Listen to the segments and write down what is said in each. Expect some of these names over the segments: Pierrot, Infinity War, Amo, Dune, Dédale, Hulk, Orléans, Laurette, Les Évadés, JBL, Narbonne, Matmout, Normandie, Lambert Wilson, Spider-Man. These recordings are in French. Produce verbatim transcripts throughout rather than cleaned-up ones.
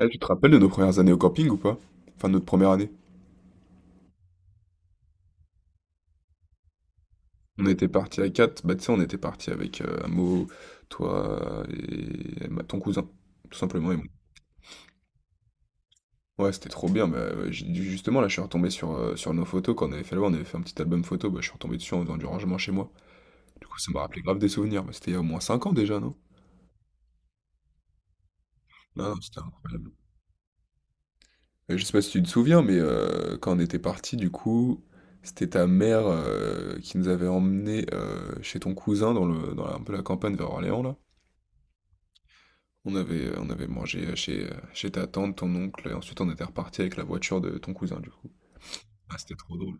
Eh, tu te rappelles de nos premières années au camping ou pas? Enfin, notre première année. On était parti à quatre. Bah tu sais, on était parti avec euh, Amo, toi et bah, ton cousin, tout simplement. Et moi. Ouais, c'était trop bien, mais euh, j'ai- justement, là, je suis retombé sur, euh, sur nos photos. Quand on avait fait là On avait fait un petit album photo, bah, je suis retombé dessus en faisant du rangement chez moi. Du coup, ça m'a rappelé grave des souvenirs, mais c'était il y a au moins cinq ans déjà, non? Non, non, c'était incroyable. Euh, Je sais pas si tu te souviens, mais euh, quand on était parti, du coup, c'était ta mère euh, qui nous avait emmenés euh, chez ton cousin dans le, dans la- un peu la campagne vers Orléans, là. On avait, on avait mangé euh, chez, euh, chez ta tante, ton oncle, et ensuite on était reparti avec la voiture de ton cousin, du coup. Ah, c'était trop drôle.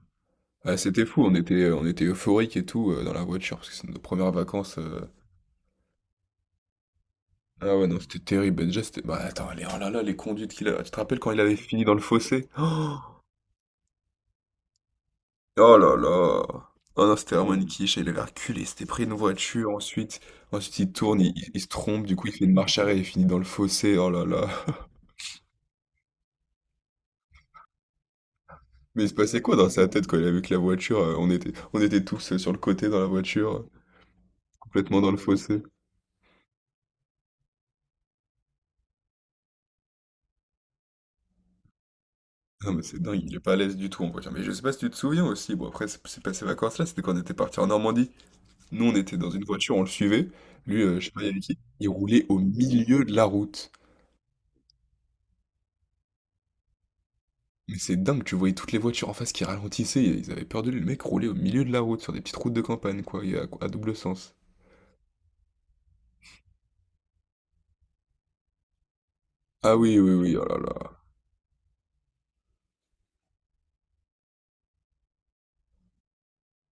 Ah, c'était fou, on était, euh, on était euphorique et tout euh, dans la voiture, parce que c'est nos premières vacances. euh. Ah ouais, non, c'était terrible. Ben, déjà, c'était. Bah attends, les, oh là là, les conduites qu'il a. Tu te rappelles quand il avait fini dans le fossé? Oh. Oh là là! Oh non, c'était vraiment une Hmm. quiche, il avait reculé, c'était pris une voiture, ensuite, ensuite il tourne, il, il- il se trompe, du coup il fait une marche arrière, il finit dans le fossé, oh là là. Mais il se passait quoi dans sa tête quand il a vu que la voiture, euh, on était, on était tous euh, sur le côté dans la voiture, euh, complètement dans le fossé. Non mais c'est dingue, il est pas à l'aise du tout en voiture. Mais je sais pas si tu te souviens aussi, bon après c'est c'est pas ces vacances-là, c'était quand on était parti en Normandie. Nous on était dans une voiture, on le suivait, lui euh, je sais pas il y avait qui, il roulait au milieu de la route. Mais c'est dingue, tu voyais toutes les voitures en face qui ralentissaient, ils avaient peur de lui, le mec roulait au milieu de la route, sur des petites routes de campagne, quoi, et à, à double sens. Ah oui, oui, oui, oh là là.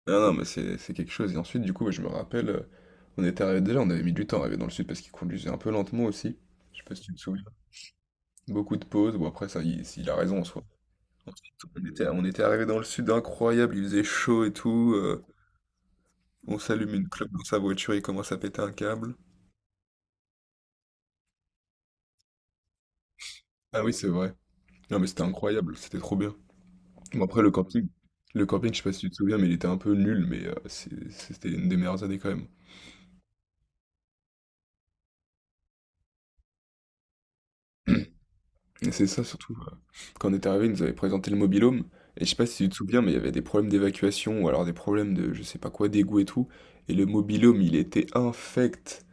Non, non, mais c'est c'est quelque chose. Et ensuite, du coup, je me rappelle, euh, on était arrivé déjà, on avait mis du temps à arriver dans le sud parce qu'il conduisait un peu lentement aussi. Je sais pas si tu te souviens. Beaucoup de pauses, bon après, ça, il, il a raison en soi. Ensuite, on était, on était arrivé dans le sud, incroyable, il faisait chaud et tout. Euh, on s'allume une clope dans sa voiture, il commence à péter un câble. Ah oui, c'est vrai. Non, mais c'était incroyable, c'était trop bien. Bon, après, le camping, le camping, je sais pas si tu te souviens, mais il était un peu nul, mais euh, c'est- c'était une des meilleures années quand même. Et c'est ça surtout. euh, Quand on est arrivé, ils nous avaient présenté le mobilhome. Et je sais pas si tu te souviens, mais il y avait des problèmes d'évacuation ou alors des problèmes de je sais pas quoi, d'égout et tout. Et le mobilhome, il était infect.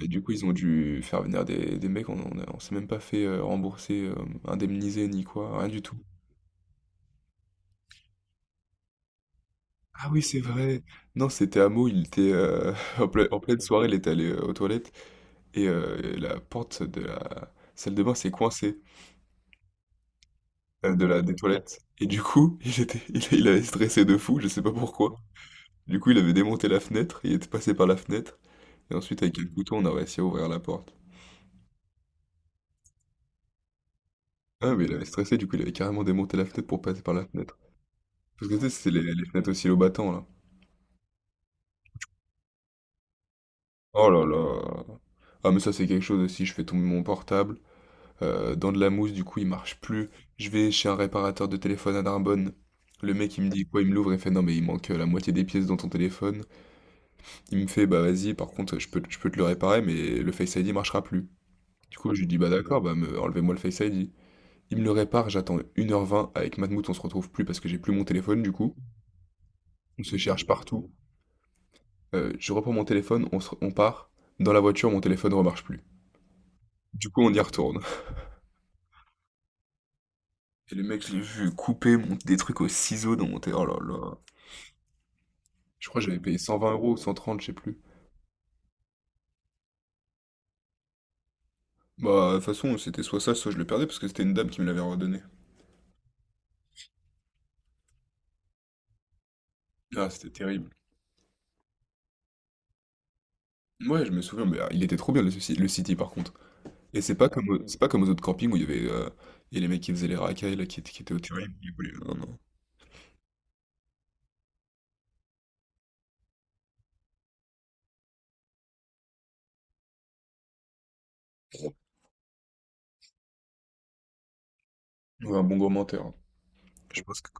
Et du coup, ils ont dû faire venir des, des mecs. On, on, a- on s'est même pas fait euh, rembourser, euh, indemniser ni quoi, rien du tout. Ah oui, c'est vrai. Non, c'était Hameau, il était euh, en pleine, en pleine soirée, il était allé euh, aux toilettes. Et euh, la porte de la salle de bain s'est coincée euh, de la des toilettes. Et du coup, il était, il, il avait stressé de fou, je sais pas pourquoi. Du coup, il avait démonté la fenêtre, il était passé par la fenêtre, et ensuite avec un couteau, on a réussi à ouvrir la porte. Ah, mais il avait stressé, du coup, il avait carrément démonté la fenêtre pour passer par la fenêtre. Parce que tu sais, c'est les, les fenêtres aussi au battant là. Oh là là. Ah, mais ça, c'est quelque chose aussi, je fais tomber mon portable. euh, dans de la mousse, du coup il marche plus. Je vais chez un réparateur de téléphone à Narbonne. Le mec il me dit quoi, il me l'ouvre et fait non mais il manque euh, la moitié des pièces dans ton téléphone. Il me fait bah vas-y, par contre je peux, je peux te le réparer mais le Face I D marchera plus. Du coup je lui dis bah d'accord, bah me- enlevez-moi le Face I D. Il me le répare, j'attends une heure vingt avec Matmout, on se retrouve plus parce que j'ai plus mon téléphone du coup. On se cherche partout. Euh, je reprends mon téléphone, on, se- on part. Dans la voiture, mon téléphone ne remarche plus. Du coup, on y retourne. Et le mec, je l'ai vu couper mon- des trucs au ciseau dans mon téléphone. Oh là là. Je crois que j'avais payé cent vingt euros ou cent trente, je sais plus. Bah, de toute façon, c'était soit ça, soit je le perdais parce que c'était une dame qui me l'avait redonné. Ah, c'était terrible. Ouais, je me souviens, mais ah, il était trop bien le, Suci- le City par contre. Et c'est pas comme, au- c'est pas comme aux autres campings où il y avait, euh, il y a les mecs qui faisaient les racailles là, qui, étaient- qui étaient au terrain. ils voulaient- Non, non. Ouais, un bon gros menteur, hein. Je pense que.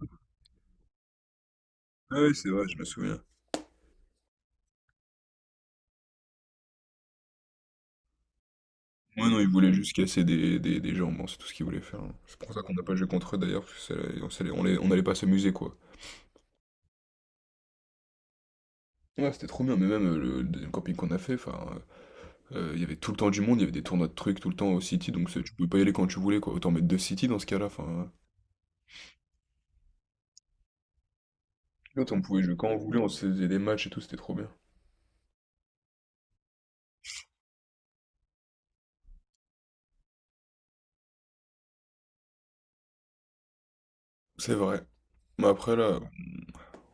Ah oui, c'est vrai, je me souviens. Ouais, non, ils voulaient juste casser des, des, des gens, bon, c'est tout ce qu'ils voulaient faire, hein. C'est pour ça qu'on n'a pas joué contre eux d'ailleurs, parce que c'est- on s'allait on les- on allait pas s'amuser quoi. Ouais, c'était trop bien, mais même euh, le deuxième camping qu'on a fait, enfin, euh, Heu, il y avait tout le temps du monde, il y avait des tournois de trucs tout le temps au city, donc c'est tu pouvais pas y aller quand tu voulais quoi. Autant mettre deux city dans ce cas-là, enfin, l'autre on pouvait jouer quand on voulait, on se faisait des matchs et tout, c'était trop bien. C'est vrai. Mais après là,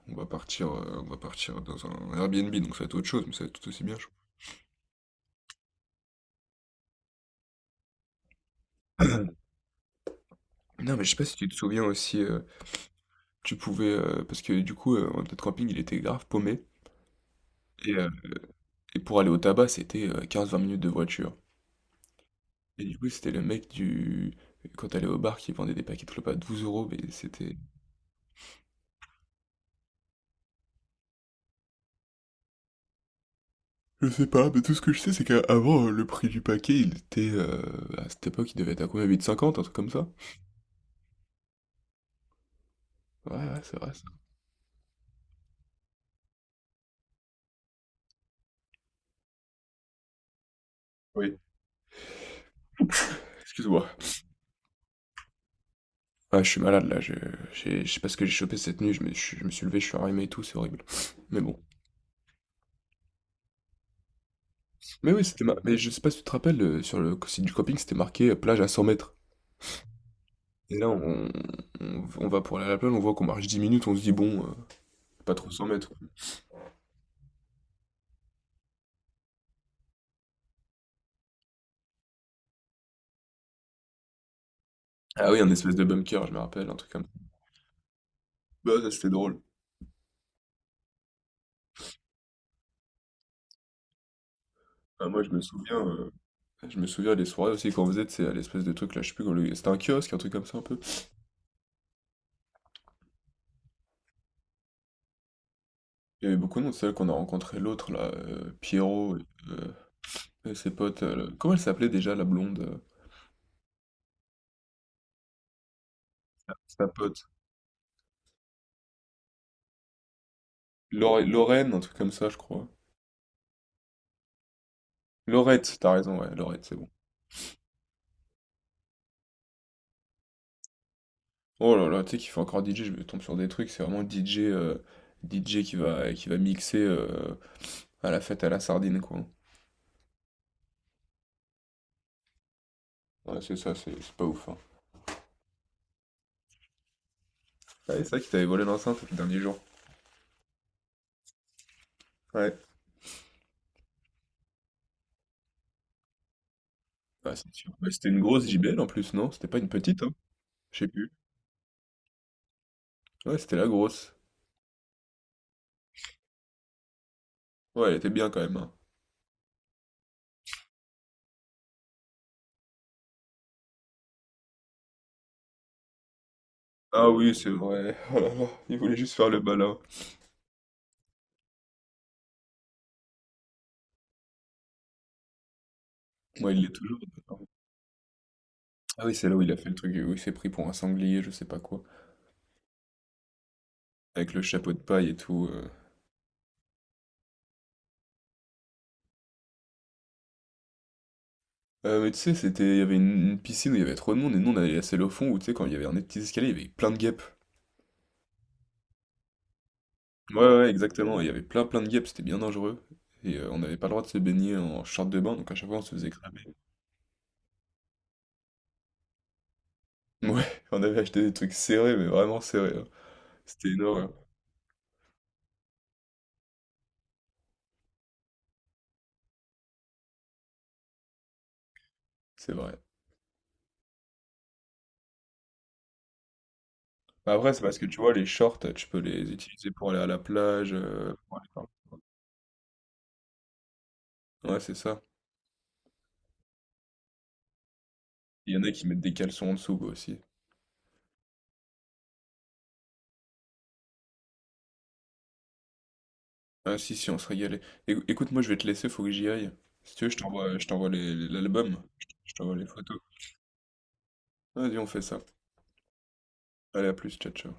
on va partir, heu, on va partir dans un Airbnb, donc ça va être autre chose, mais ça va être tout aussi bien je p Non mais je sais pas si tu te souviens aussi, heu, tu pouvais, heu parce que du coup, heu, notre camping il était grave paumé et heu et pour aller au tabac c'était, heu, quinze vingt minutes de voiture. Et du coup c'était le mec du quand t'allais au bar qui vendait des paquets de clopes à douze euros mais c'était. Je sais pas, mais tout ce que je sais, c'est qu'avant, euh, le prix du paquet, il était... euh, à cette époque, il devait être à combien? huit cinquante, un truc comme ça? Ouais, ouais, c'est vrai, ça. Oui, excuse-moi. Ah, je suis malade, là, je, j'ai- je sais pas ce que j'ai chopé cette nuit, je me, je, je me suis levé, je suis enrhumé et tout, c'est horrible. Mais bon. Mais oui, c'était... ma- Mais je sais pas si tu te rappelles, euh, sur le site du camping, c'était marqué euh, plage à cent mètres. Et là, on, on, on va pour aller à la plage, on voit qu'on marche dix minutes, on se dit, bon, euh, pas trop cent mètres. Ah oui, un espèce de bunker, je me rappelle, un truc comme ça. Bah, ça, c'était drôle. Ah, moi, je me souviens... euh, Je me souviens des soirées aussi qu'on faisait, tu sais, à l'espèce de truc là, je sais plus comment le. C'était un kiosque, un truc comme ça un peu. Il y avait beaucoup de monde, c'est là qu'on a rencontré l'autre là, euh, Pierrot, euh, et ses potes. euh, le- Comment elle s'appelait déjà la blonde, euh, sa pote? Lore- Lorraine, un truc comme ça, je crois. Laurette, t'as raison, ouais, Laurette, c'est bon. Oh là là, tu sais qu'il fait encore D J, je me tombe sur des trucs, c'est vraiment D J, euh, D J qui va, qui va mixer euh, à la fête à la sardine, quoi. Ouais, c'est ça, c'est c'est pas ouf, hein. Ah, c'est ça qui t'avait volé l'enceinte le dernier jour. Ouais. Ah, c'est sûr, mais c'était une grosse J B L en plus, non? C'était pas une petite, hein? Je sais plus. Ouais, c'était la grosse. Ouais, elle était bien quand même, hein. Ah oui, c'est vrai. Oh là là, il voulait juste faire le malin. Moi il l'est toujours. Ah oui, c'est là où il a fait le truc, où il s'est pris pour un sanglier, je sais pas quoi. Avec le chapeau de paille et tout. euh. Euh, mais tu sais, c'était, il y avait une, une piscine où il y avait trop de monde, et nous on allait la selle au fond, où tu sais, quand il y avait un des petits escaliers, il y avait plein de guêpes. Ouais, ouais, ouais, exactement. Il y avait plein plein de guêpes, c'était bien dangereux. Et euh, on n'avait pas le droit de se baigner en short de bain, donc à chaque fois on se faisait cramer. Ouais, on avait acheté des trucs serrés, mais vraiment serrés, hein. C'était une horreur, c'est vrai. Mais après, c'est parce que tu vois, les shorts, tu peux les utiliser pour aller à la plage. euh, pour aller par- Ouais, c'est ça. Il y en a qui mettent des caleçons en dessous, quoi, aussi. Ah si, si, on se régalait. Éc- Écoute, moi, je vais te laisser, faut que j'y aille. Si tu veux, je t'envoie, je t'envoie les- l'album. Je t'envoie les photos. Vas-y, on fait ça. Allez, à plus, ciao, ciao.